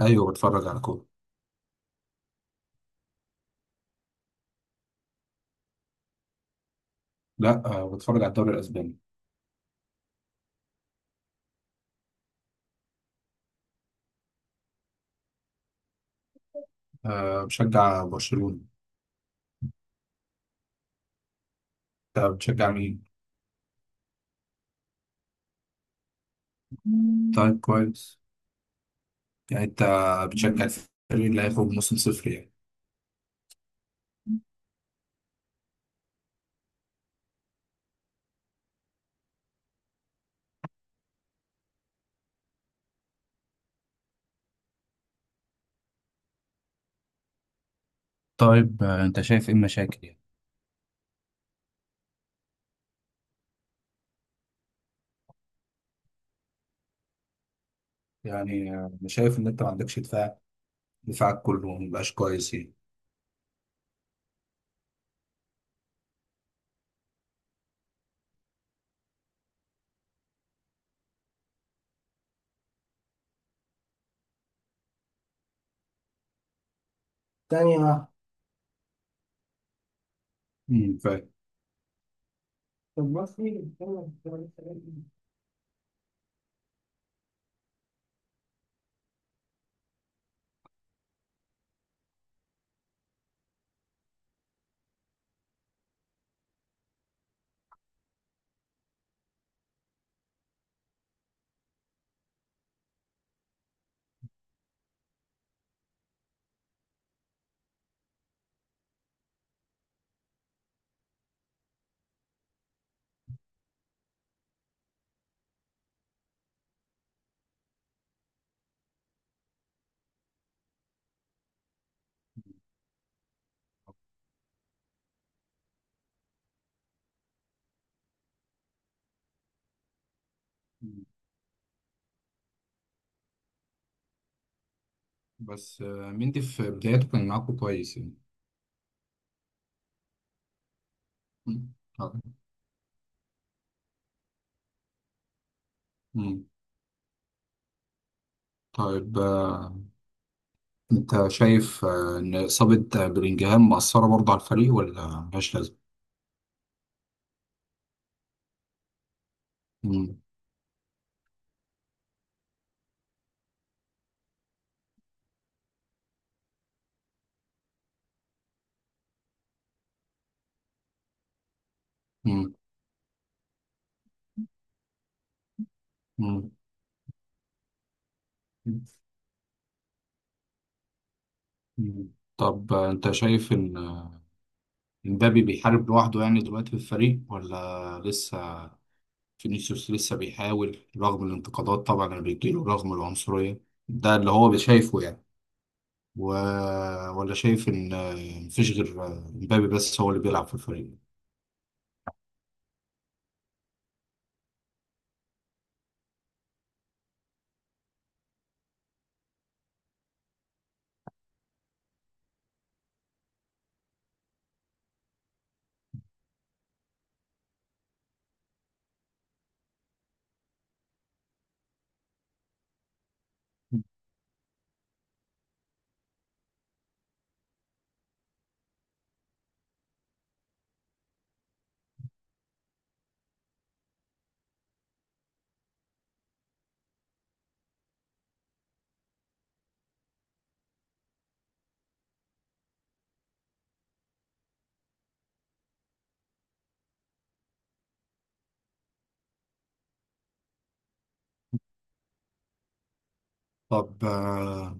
ايوه، بتفرج على كوره. لا آه، بتفرج على الدوري الاسباني. آه، بشجع برشلونه. انت بتشجع مين؟ طيب، كويس. يعني انت بتشجع الفريق اللي هيخرج موسم صفر يعني. طيب آه، انت شايف ايه المشاكل يعني يعني انا شايف ان انت ما عندكش دفاع. دفاعك كله ما بقاش كويس يعني. ثانية واحدة. فاهم. طب بص، مين اللي بيتكلم في الدوري السنة دي؟ مم. بس مندي في بدايته كان معاكم كويس يعني. مم. طيب. مم. طيب، انت شايف ان اصابه بلينجهام مأثره برضه على الفريق ولا ملهاش لازمه؟ مم، مم، مم، مم. طب، انت شايف ان مبابي بيحارب لوحده يعني دلوقتي في الفريق، ولا لسه فينيسيوس لسه بيحاول رغم الانتقادات طبعا اللي بتجيله رغم العنصريه ده اللي هو شايفه يعني، و... ولا شايف ان مفيش غير مبابي بس هو اللي بيلعب في الفريق؟ طب،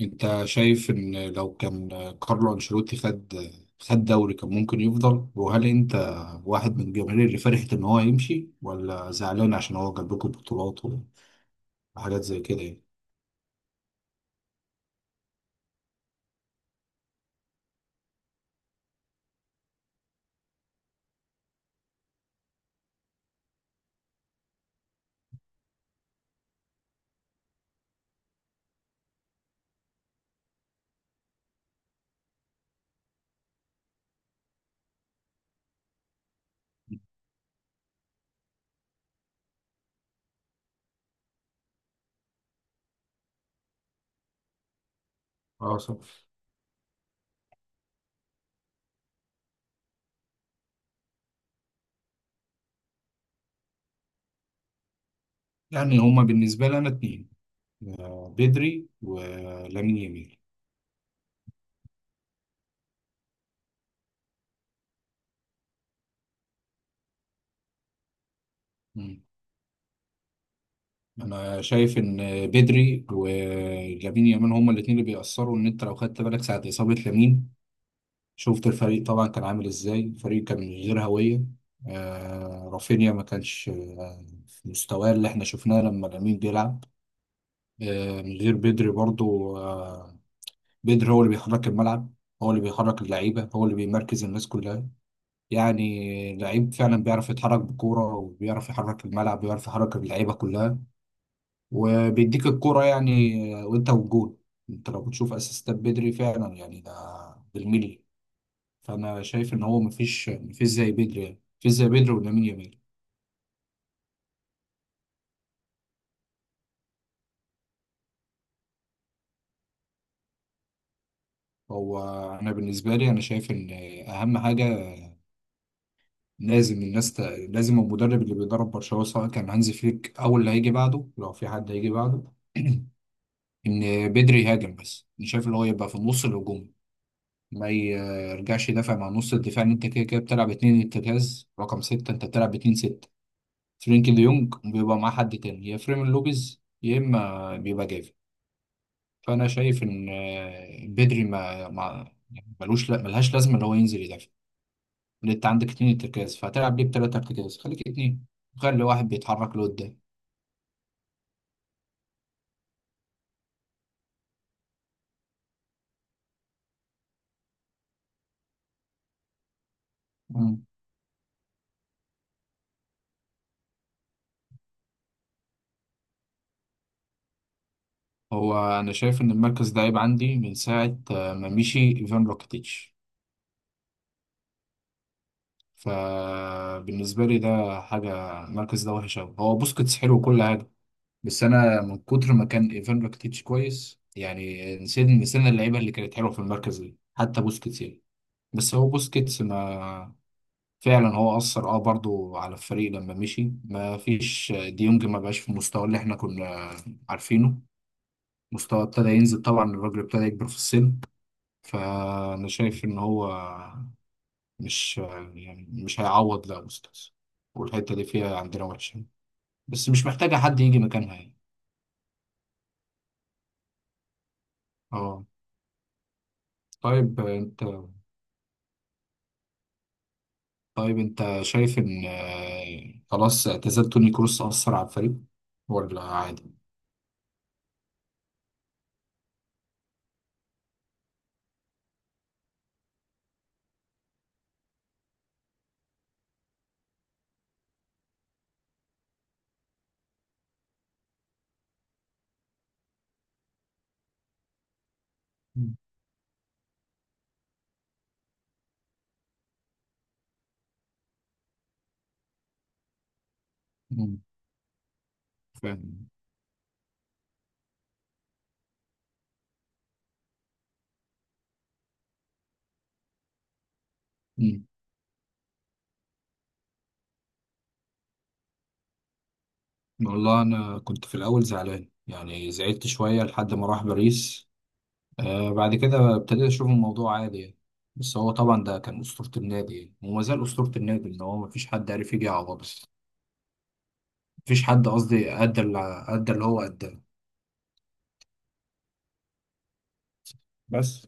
انت شايف ان لو كان كارلو انشيلوتي خد دوري كان ممكن يفضل، وهل انت واحد من الجماهير اللي فرحت ان هو يمشي ولا زعلان عشان هو جاب لكم بطولات وحاجات زي كده يعني؟ اه، صح. يعني هما بالنسبه لي انا اتنين، بدري ولامين يامال. مم. انا شايف ان بدري ولامين يامال هما الاتنين اللي بيأثروا. ان انت لو خدت بالك ساعه اصابه لامين، شفت الفريق طبعا كان عامل ازاي، الفريق كان من غير هوية. آه، رافينيا ما كانش في مستواه اللي احنا شفناه لما لامين بيلعب. آه، من غير بدري برضو آه. بدري هو اللي بيحرك الملعب، هو اللي بيحرك اللعيبة، هو اللي بيمركز الناس كلها. يعني لعيب فعلا بيعرف يتحرك بكورة وبيعرف يحرك الملعب، بيعرف يحرك اللعيبة كلها. وبيديك الكورة يعني، وانت والجول. انت لو بتشوف اسيستات بدري فعلا يعني ده بالملي. فانا شايف ان هو مفيش زي بيدري، يعني مفيش زي بيدري ولامين يامال. هو انا بالنسبه لي انا شايف ان اهم حاجه، لازم الناس ت... لازم المدرب اللي بيدرب برشلونه سواء كان هانزي فليك او اللي هيجي بعده لو في حد هيجي بعده ان بدري يهاجم. بس انا شايف اللي هو يبقى في النص الهجومي، ما يرجعش يدافع مع نص الدفاع، ان انت كده كده بتلعب اتنين ارتكاز رقم ستة، انت بتلعب اتنين ستة. فرينkie دي يونج بيبقى معاه حد تاني يا فريمين لوبيز يا اما بيبقى جافي. فانا شايف ان بدري ما يعني ملوش، لا ملهاش لازمه ان هو ينزل يدافع. لأن انت عندك اتنين ارتكاز، فهتلعب بيه بتلات ارتكاز، خليك اتنين. خلي واحد بيتحرك لقدام. مم. هو انا شايف ان المركز ده عيب عندي من ساعه ما مشي ايفان روكيتيتش. فبالنسبه لي ده حاجه، المركز ده وحش قوي. هو بوسكيتس حلو وكل حاجه، بس انا من كتر ما كان ايفان روكيتيتش كويس يعني نسينا، نسينا اللعيبه اللي كانت حلوه في المركز ده حتى بوسكيتس يعني. بس هو بوسكيتس ما، فعلا هو أثر برضو على الفريق لما مشي. ما فيش ديونج، ما بقاش في المستوى اللي احنا كنا عارفينه. مستوى ابتدى ينزل طبعا، الراجل ابتدى يكبر في السن. فأنا شايف إن هو مش، يعني مش هيعوض لا أستاذ. والحتة دي فيها عندنا وحشة، بس مش محتاجة حد يجي مكانها يعني. اه. طيب انت. طيب انت شايف إن خلاص اعتزال توني كروس أثر على الفريق ولا عادي؟ مم. مم. فاهم. مم. والله أنا كنت في الأول زعلان، يعني زعلت شوية لحد ما راح باريس. آه، بعد كده ابتديت أشوف الموضوع عادي يعني. بس هو طبعا ده كان أسطورة النادي يعني. وما زال أسطورة النادي، إن هو مفيش حد عارف يجي يعوضه. مفيش حد، قصدي أدى اللي هو أداه. بس.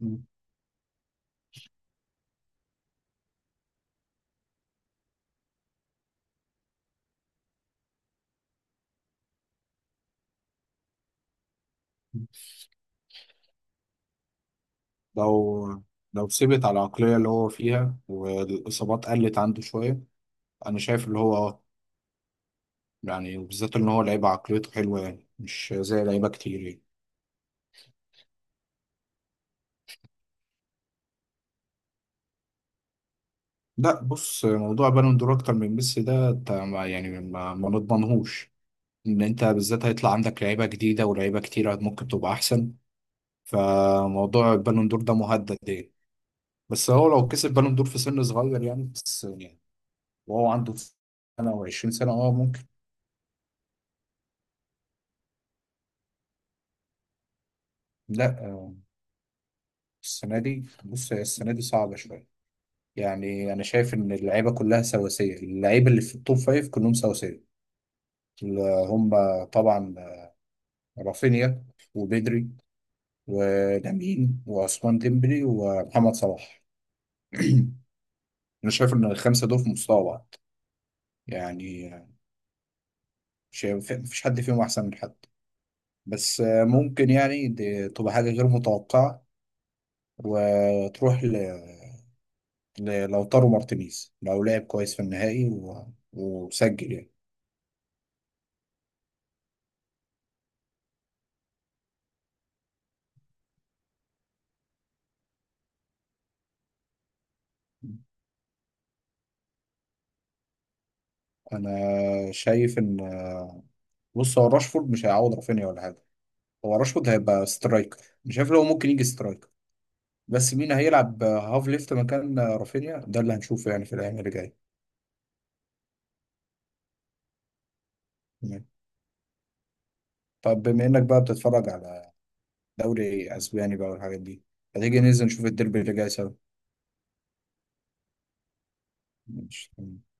مم. لو لو ثبت على العقلية اللي هو فيها والإصابات قلت عنده شوية، أنا شايف اللي هو، يعني بالذات إن هو لعيبة عقليته حلوة يعني، مش زي لعيبة كتير يعني. لا بص، موضوع بالون دور اكتر من ميسي ده، انت يعني ما نضمنهوش ان انت بالذات هيطلع عندك لعيبه جديده، ولاعيبه كتيره ممكن تبقى احسن. فموضوع البالون دور ده مهدد يعني. بس هو لو كسب بالون دور في سن صغير يعني، بس يعني. وهو عنده سنه و20 سنه اه ممكن. لا آه، السنه دي بص، هي السنه دي صعبه شويه. يعني انا شايف ان اللعيبه كلها سواسيه، اللعيبه اللي في التوب فايف كلهم سواسيه. اللي هم طبعا رافينيا وبدري ولامين وعثمان ديمبلي ومحمد صلاح. انا شايف ان الخمسه دول في مستوى بعض يعني. شايف مفيش حد فيهم احسن من حد. بس ممكن يعني دي تبقى حاجه غير متوقعه، وتروح للوتارو مارتينيز لو لعب كويس في النهائي وسجل يعني. انا شايف ان، بص، هو راشفورد مش هيعوض رافينيا ولا حاجه. هو راشفورد هيبقى سترايكر. مش شايف لو ممكن يجي سترايكر. بس مين هيلعب هاف ليفت مكان رافينيا ده اللي هنشوفه يعني في الايام اللي جايه. نعم. طب بما انك بقى بتتفرج على دوري اسباني بقى والحاجات دي، هتيجي ننزل نشوف الديربي اللي جاي سوا. ماشي.